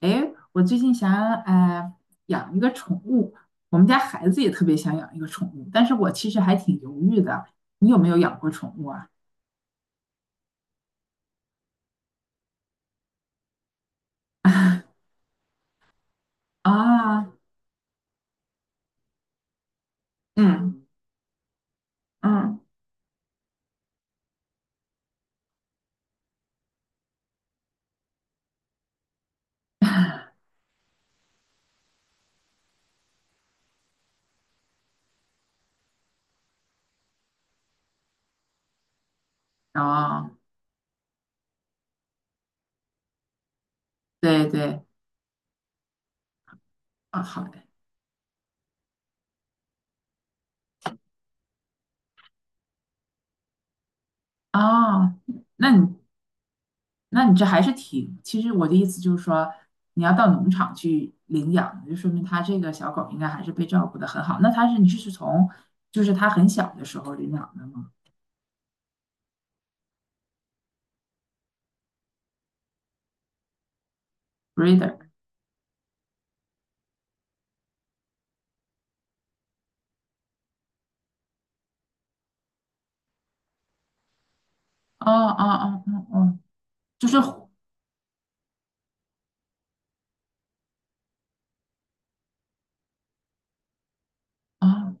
诶，我最近想呃养一个宠物，我们家孩子也特别想养一个宠物，但是我其实还挺犹豫的。你有没有养过宠物啊？啊，嗯嗯，啊，对对，啊，好的，啊，那你那你这还是挺，其实我的意思就是说，你要到农场去领养，就说明它这个小狗应该还是被照顾的很好。那它是你是从就是它很小的时候领养的吗？Breeder，哦哦哦哦哦。就是啊，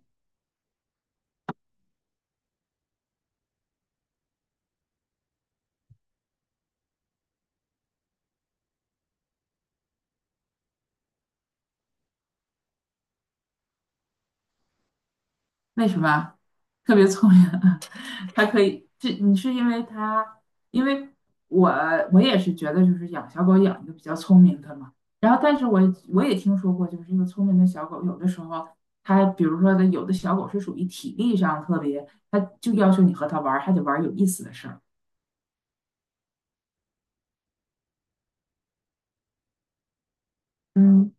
为什么啊特别聪明啊？它可以，这你是因为它，因为我我也是觉得，就是养小狗养一个比较聪明的嘛。然后，但是我也听说过，就是这个聪明的小狗，有的时候它，比如说的，有的小狗是属于体力上特别，它就要求你和它玩儿，还得玩儿有意思的事儿嗯，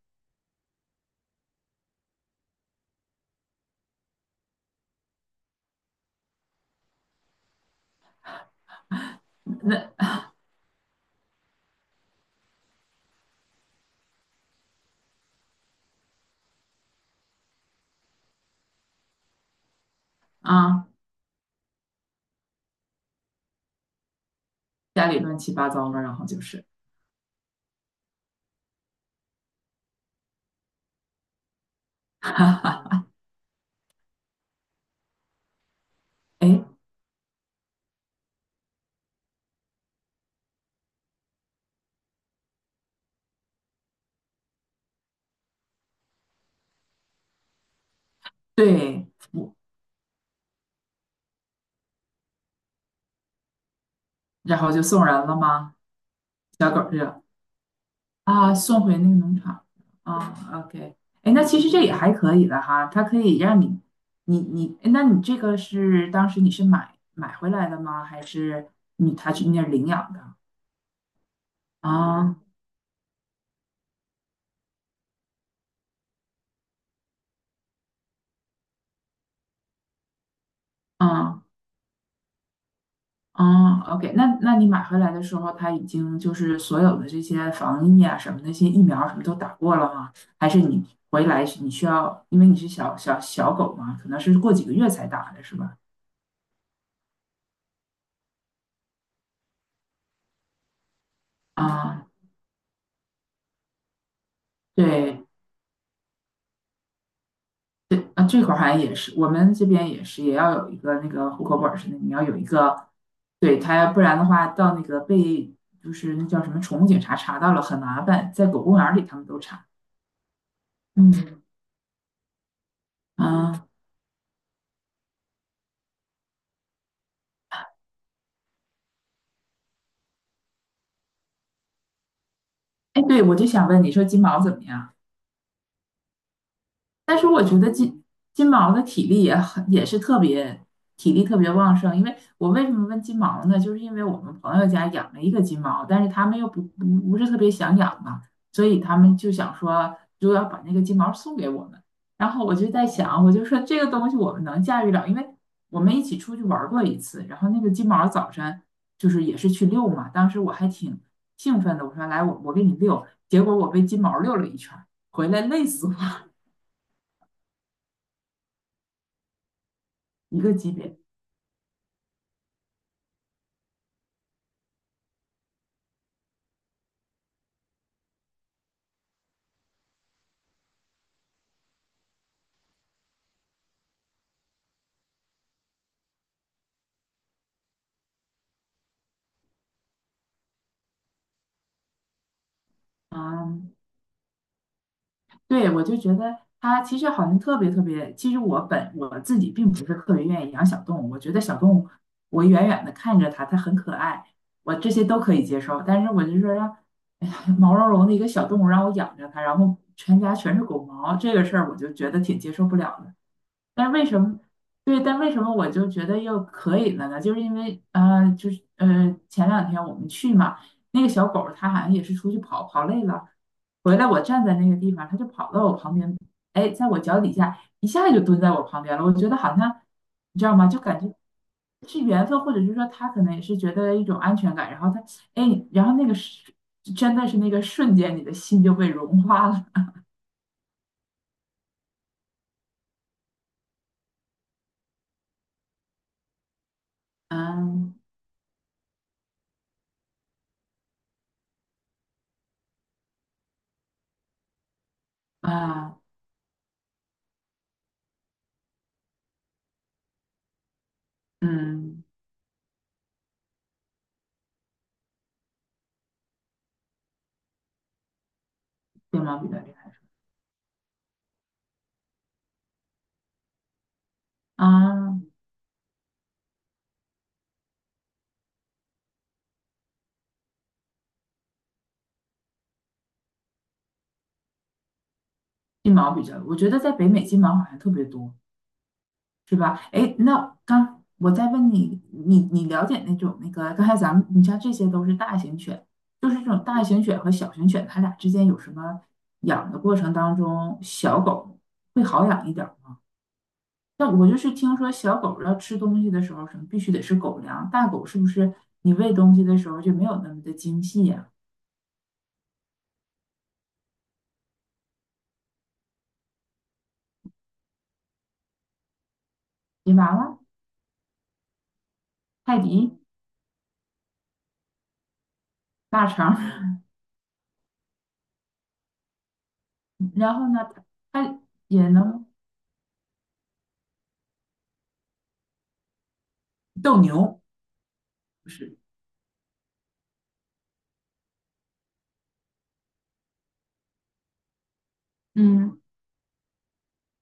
那啊，家里乱七八糟的，然后就是，哎，对，我然后就送人了吗？小狗这。啊，送回那个农场啊，OK，哎，那其实这也还可以的哈，它可以让你，你，诶那你这个是当时你是买回来的吗？还是你他去那儿领养的？啊啊啊，OK，那你买回来的时候，它已经就是所有的这些防疫啊什么那些疫苗什么都打过了吗？还是你回来你需要，因为你是小狗嘛，可能是过几个月才打的是吧？啊，对对，啊，这块儿好像也是，我们这边也是，也要有一个那个户口本儿似的，你要有一个，对他，要不然的话，到那个被就是那叫什么宠物警察查到了，很麻烦，在狗公园儿里他们都查。嗯。嗯，哎，对，我就想问你说金毛怎么样？但是我觉得金毛的体力也很也是特别体力特别旺盛，因为我为什么问金毛呢？就是因为我们朋友家养了一个金毛，但是他们又不是特别想养嘛，所以他们就想说就要把那个金毛送给我们。然后我就在想，我就说这个东西我们能驾驭了，因为我们一起出去玩过一次，然后那个金毛早晨就是也是去遛嘛，当时我还挺兴奋的，我说来我给你遛，结果我被金毛遛了一圈回来累死我，一个级别。啊，对，我就觉得它其实好像特别特别。其实我自己并不是特别愿意养小动物，我觉得小动物，我远远的看着它，它很可爱，我这些都可以接受。但是我就说让，哎呀毛茸茸的一个小动物让我养着它，然后全家全是狗毛，这个事儿我就觉得挺接受不了的。但为什么对？但为什么我就觉得又可以了呢？就是因为就是前两天我们去嘛，那个小狗儿它好像也是出去跑，跑累了，回来我站在那个地方，它就跑到我旁边，哎，在我脚底下一下就蹲在我旁边了。我觉得好像你知道吗？就感觉是缘分，或者是说它可能也是觉得一种安全感，然后它哎，然后那个是真的是那个瞬间，你的心就被融化了。嗯啊嗯，对吗？比较厉害。啊，金毛比较，我觉得在北美金毛好像特别多，是吧？哎，那刚我再问你，你了解那种那个刚才咱们你像这些都是大型犬，就是这种大型犬和小型犬，它俩之间有什么养的过程当中，小狗会好养一点儿吗？但我就是听说小狗要吃东西的时候，什么必须得是狗粮，大狗是不是你喂东西的时候就没有那么的精细呀、吉娃娃、泰迪、腊肠儿 然后呢，它也能。斗牛，就是嗯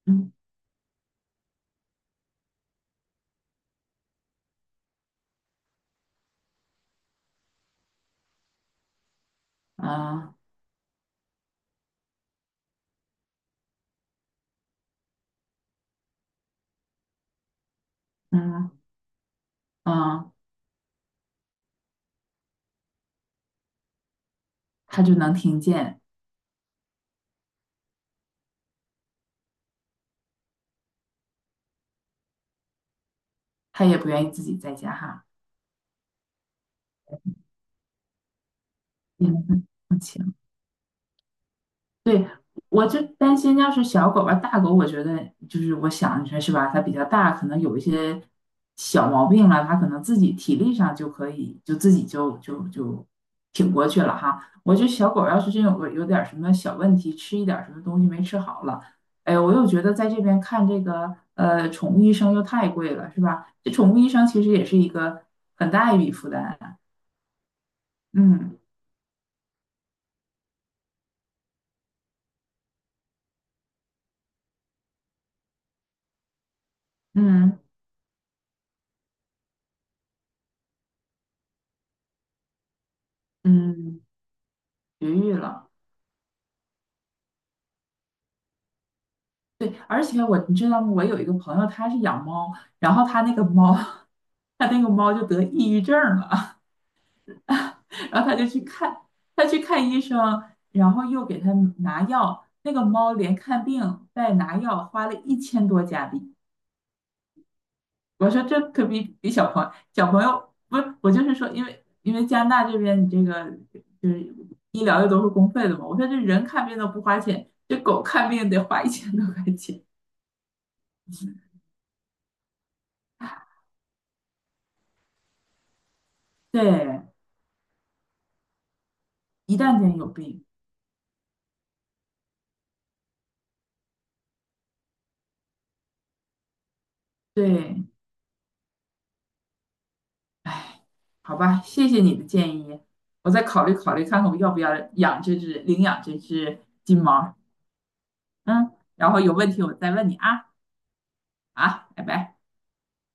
嗯啊嗯啊，他就能听见，他也不愿意自己在家哈，也能听见。对，我就担心，要是小狗吧，大狗，我觉得就是我想着是吧，它比较大，可能有一些小毛病了，它可能自己体力上就可以，就自己就挺过去了哈。我觉得小狗要是真有个有点儿什么小问题，吃一点儿什么东西没吃好了，哎，我又觉得在这边看这个宠物医生又太贵了，是吧？这宠物医生其实也是一个很大一笔负担啊嗯嗯嗯，绝育了。对，而且我你知道吗？我有一个朋友，他是养猫，然后他那个猫，他那个猫就得抑郁症了，然后他就去看，他去看医生，然后又给他拿药，那个猫连看病带拿药花了一千多加币。我说这可比小朋友不是，我就是说，因为加拿大这边你这个就是医疗又都是公费的嘛，我说这人看病都不花钱，这狗看病得花一千多块钱，对，一旦间有病。对，好吧，谢谢你的建议，我再考虑考虑看看我要不要养这只领养这只金毛儿嗯，然后有问题我再问你啊啊，拜拜。